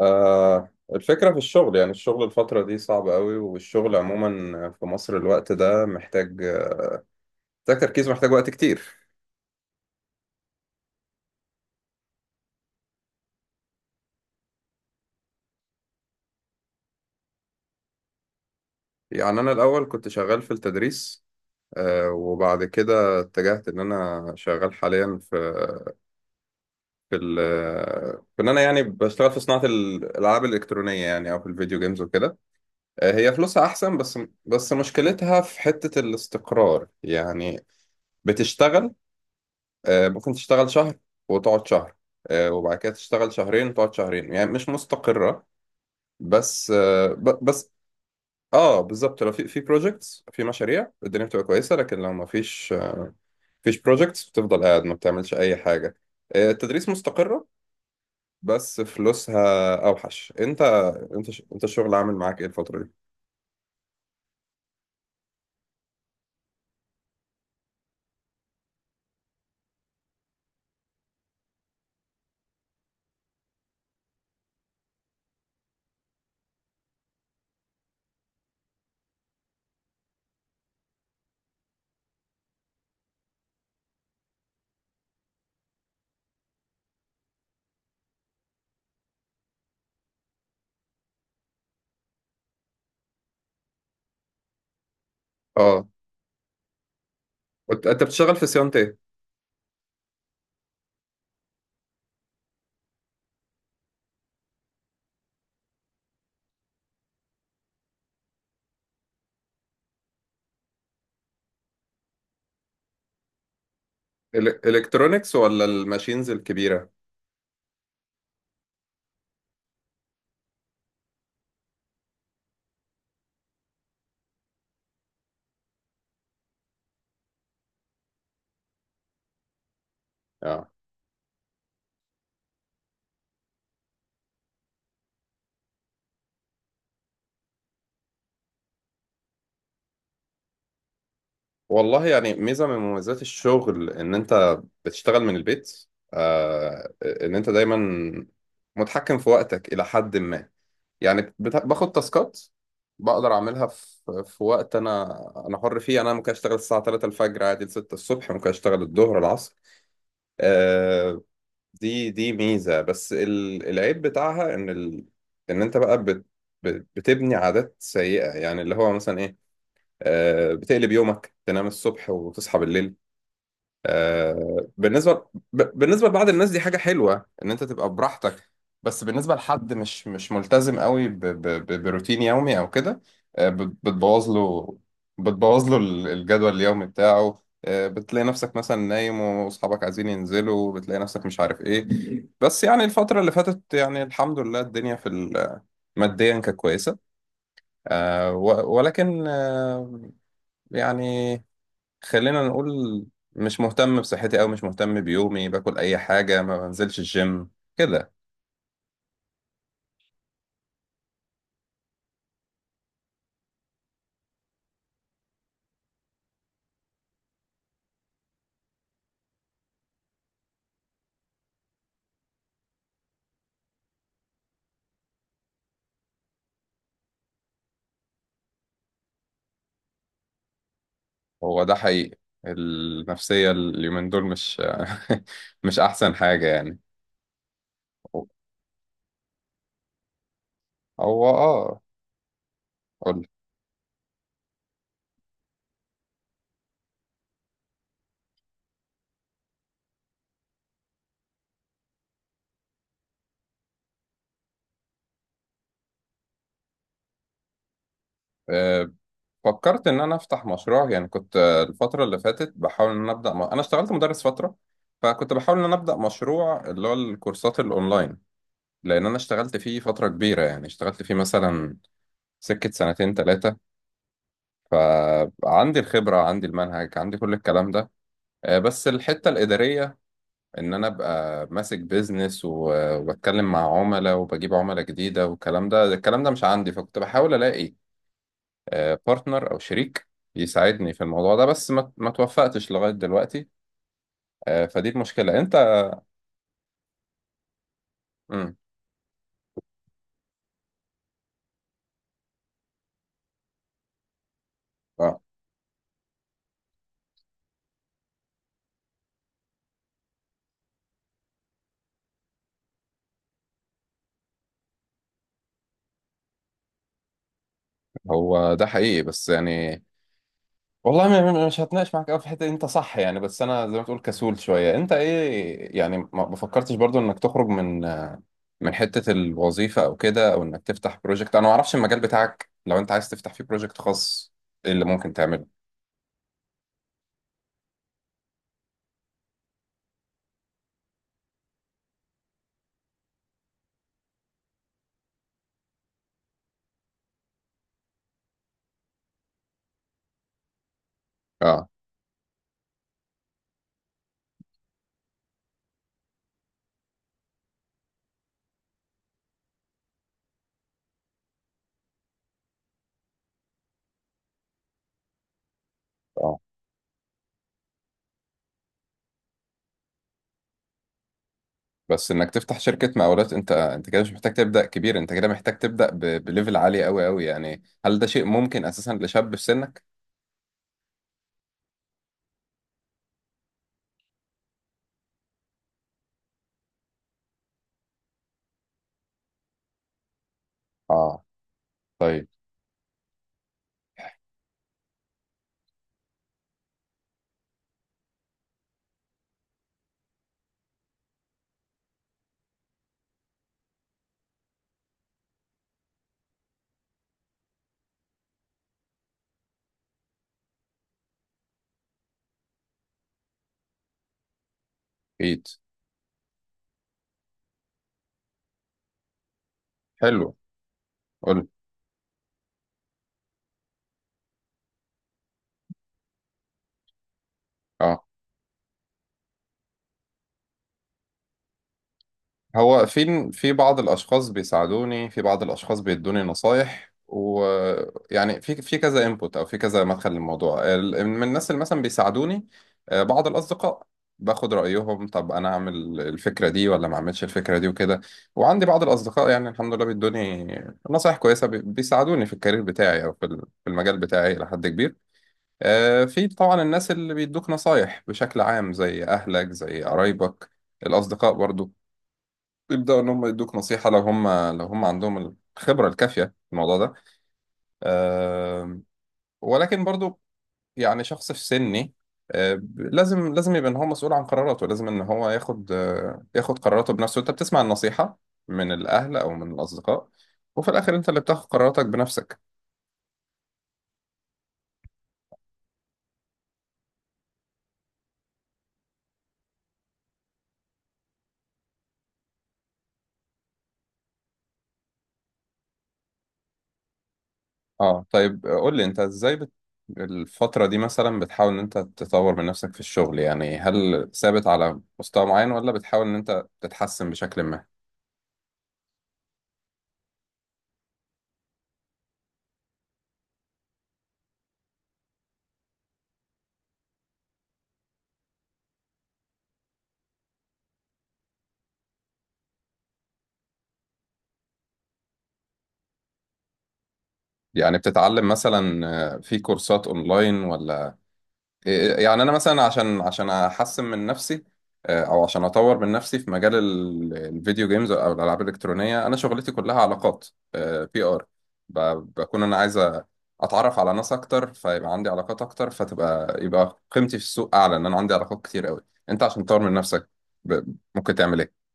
آه الفكرة في الشغل، يعني الشغل الفترة دي صعب قوي، والشغل عموما في مصر الوقت ده محتاج تركيز، محتاج وقت كتير. يعني أنا الأول كنت شغال في التدريس، آه، وبعد كده اتجهت إن أنا شغال حاليا في في ال في إن أنا يعني بشتغل في صناعة الألعاب الإلكترونية، يعني أو في الفيديو جيمز وكده. آه، هي فلوسها أحسن، بس بس مشكلتها في حتة الاستقرار يعني. بتشتغل، ممكن تشتغل شهر وتقعد شهر. وبعد كده تشتغل شهرين وتقعد شهرين، يعني مش مستقرة. بس بس. اه بالظبط، لو في بروجكتس، في مشاريع، الدنيا بتبقى كويسة، لكن لو ما فيش بروجكتس بتفضل قاعد ما بتعملش أي حاجة. التدريس مستقرة بس فلوسها أوحش. أنت الشغل عامل معاك إيه الفترة دي؟ اه أنت بتشتغل في صيانة إيه؟ إلكترونكس ولا الماشينز الكبيرة؟ اه والله، يعني ميزة من مميزات الشغل إن أنت بتشتغل من البيت. آه، إن أنت دايما متحكم في وقتك إلى حد ما. يعني باخد تاسكات بقدر أعملها في وقت أنا حر فيه. يعني أنا ممكن أشتغل الساعة 3 الفجر عادي ل 6 الصبح، ممكن أشتغل الظهر العصر. آه، دي ميزة. بس العيب بتاعها إن أنت بقى بتبني عادات سيئة، يعني اللي هو مثلا إيه؟ آه، بتقلب يومك، تنام الصبح وتصحى بالليل. آه، بالنسبة بالنسبة لبعض الناس دي حاجة حلوة، إن أنت تبقى براحتك. بس بالنسبة لحد مش ملتزم قوي بروتين يومي أو كده، بتبوظ له، الجدول اليومي بتاعه. آه، بتلاقي نفسك مثلا نايم وأصحابك عايزين ينزلوا، بتلاقي نفسك مش عارف إيه. بس يعني الفترة اللي فاتت يعني الحمد لله الدنيا ماديا كانت كويسة. ولكن، يعني خلينا نقول مش مهتم بصحتي أو مش مهتم بيومي، باكل أي حاجة، ما بنزلش الجيم كده. هو ده حقيقي، النفسية اليومين دول مش مش أحسن حاجة يعني. هو آه. قول. آه، فكرت إن أنا أفتح مشروع. يعني كنت آه، الفترة اللي فاتت بحاول إن أنا أبدأ أنا اشتغلت مدرس فترة، فكنت بحاول إن أنا أبدأ مشروع اللي هو الكورسات الأونلاين، لأن أنا اشتغلت فيه فترة كبيرة. يعني اشتغلت فيه مثلا سكة سنتين تلاتة، فعندي الخبرة، عندي المنهج، عندي كل الكلام ده. آه، بس الحتة الإدارية، إن أنا أبقى ماسك بيزنس، وبتكلم مع عملاء وبجيب عملاء جديدة، والكلام ده الكلام ده مش عندي، فكنت بحاول ألاقي بارتنر أو شريك يساعدني في الموضوع ده، بس ما توفقتش لغاية دلوقتي. آه، فدي المشكلة أنت. مم. آه، هو ده حقيقي بس يعني والله مش هتناقش معاك قوي في الحته دي، انت صح يعني. بس انا زي ما تقول كسول شويه. انت ايه يعني، ما فكرتش برضو انك تخرج من حته الوظيفه، او كده، او انك تفتح بروجكت؟ انا ما اعرفش المجال بتاعك، لو انت عايز تفتح فيه بروجكت خاص ايه اللي ممكن تعمله؟ اه. اه بس انك تفتح شركه مقاولات، انت كده مش محتاج تبدا كبير، انت كده محتاج تبدا بليفل عالي قوي يعني. هل ده شيء ممكن اساسا لشاب في سنك؟ اه. طيب. اكيد. حلو. قول. اه هو في بعض الاشخاص بيساعدوني، في بعض الاشخاص بيدوني نصايح، ويعني في كذا انبوت، او في كذا مدخل للموضوع. من الناس اللي مثلا بيساعدوني آه، بعض الاصدقاء، باخد رايهم طب انا اعمل الفكره دي ولا ما اعملش الفكره دي وكده. وعندي بعض الاصدقاء يعني الحمد لله بيدوني نصايح كويسه، بيساعدوني في الكارير بتاعي او في المجال بتاعي الى حد كبير. آه، في طبعا الناس اللي بيدوك نصايح بشكل عام، زي اهلك، زي قرايبك، الاصدقاء برضو، يبدأوا إن هم يدوك نصيحة لو هم لو هم عندهم الخبرة الكافية في الموضوع ده. آم، ولكن برضو يعني شخص في سني لازم يبقى إن هو مسؤول عن قراراته، لازم إن هو ياخد ياخد قراراته بنفسه. أنت بتسمع النصيحة من الأهل أو من الأصدقاء، وفي الآخر أنت اللي بتاخد قراراتك بنفسك. أه طيب قول لي أنت إزاي الفترة دي مثلا بتحاول إن أنت تطور من نفسك في الشغل؟ يعني هل ثابت على مستوى معين ولا بتحاول إن أنت تتحسن بشكل ما؟ يعني بتتعلم مثلا آه، في كورسات اونلاين ولا إيه؟ يعني انا مثلا عشان عشان احسن من نفسي آه، او عشان اطور من نفسي في مجال الفيديو جيمز او الالعاب الالكترونيه، انا شغلتي كلها علاقات، بي ار. بكون انا عايز اتعرف على ناس اكتر، فيبقى عندي علاقات اكتر، فتبقى يبقى قيمتي في السوق اعلى، ان انا عندي علاقات كتير قوي. انت عشان تطور من نفسك ممكن تعمل ايه؟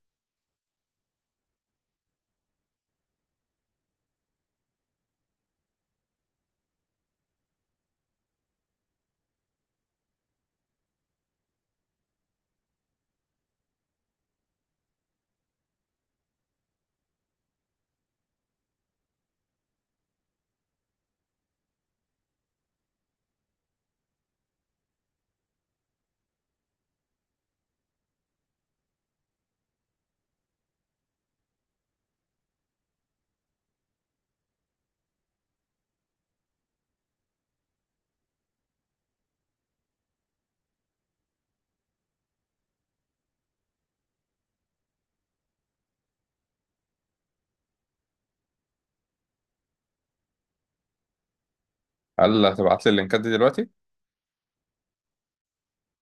هل هتبعت لي اللينكات دي دلوقتي؟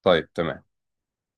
طيب تمام.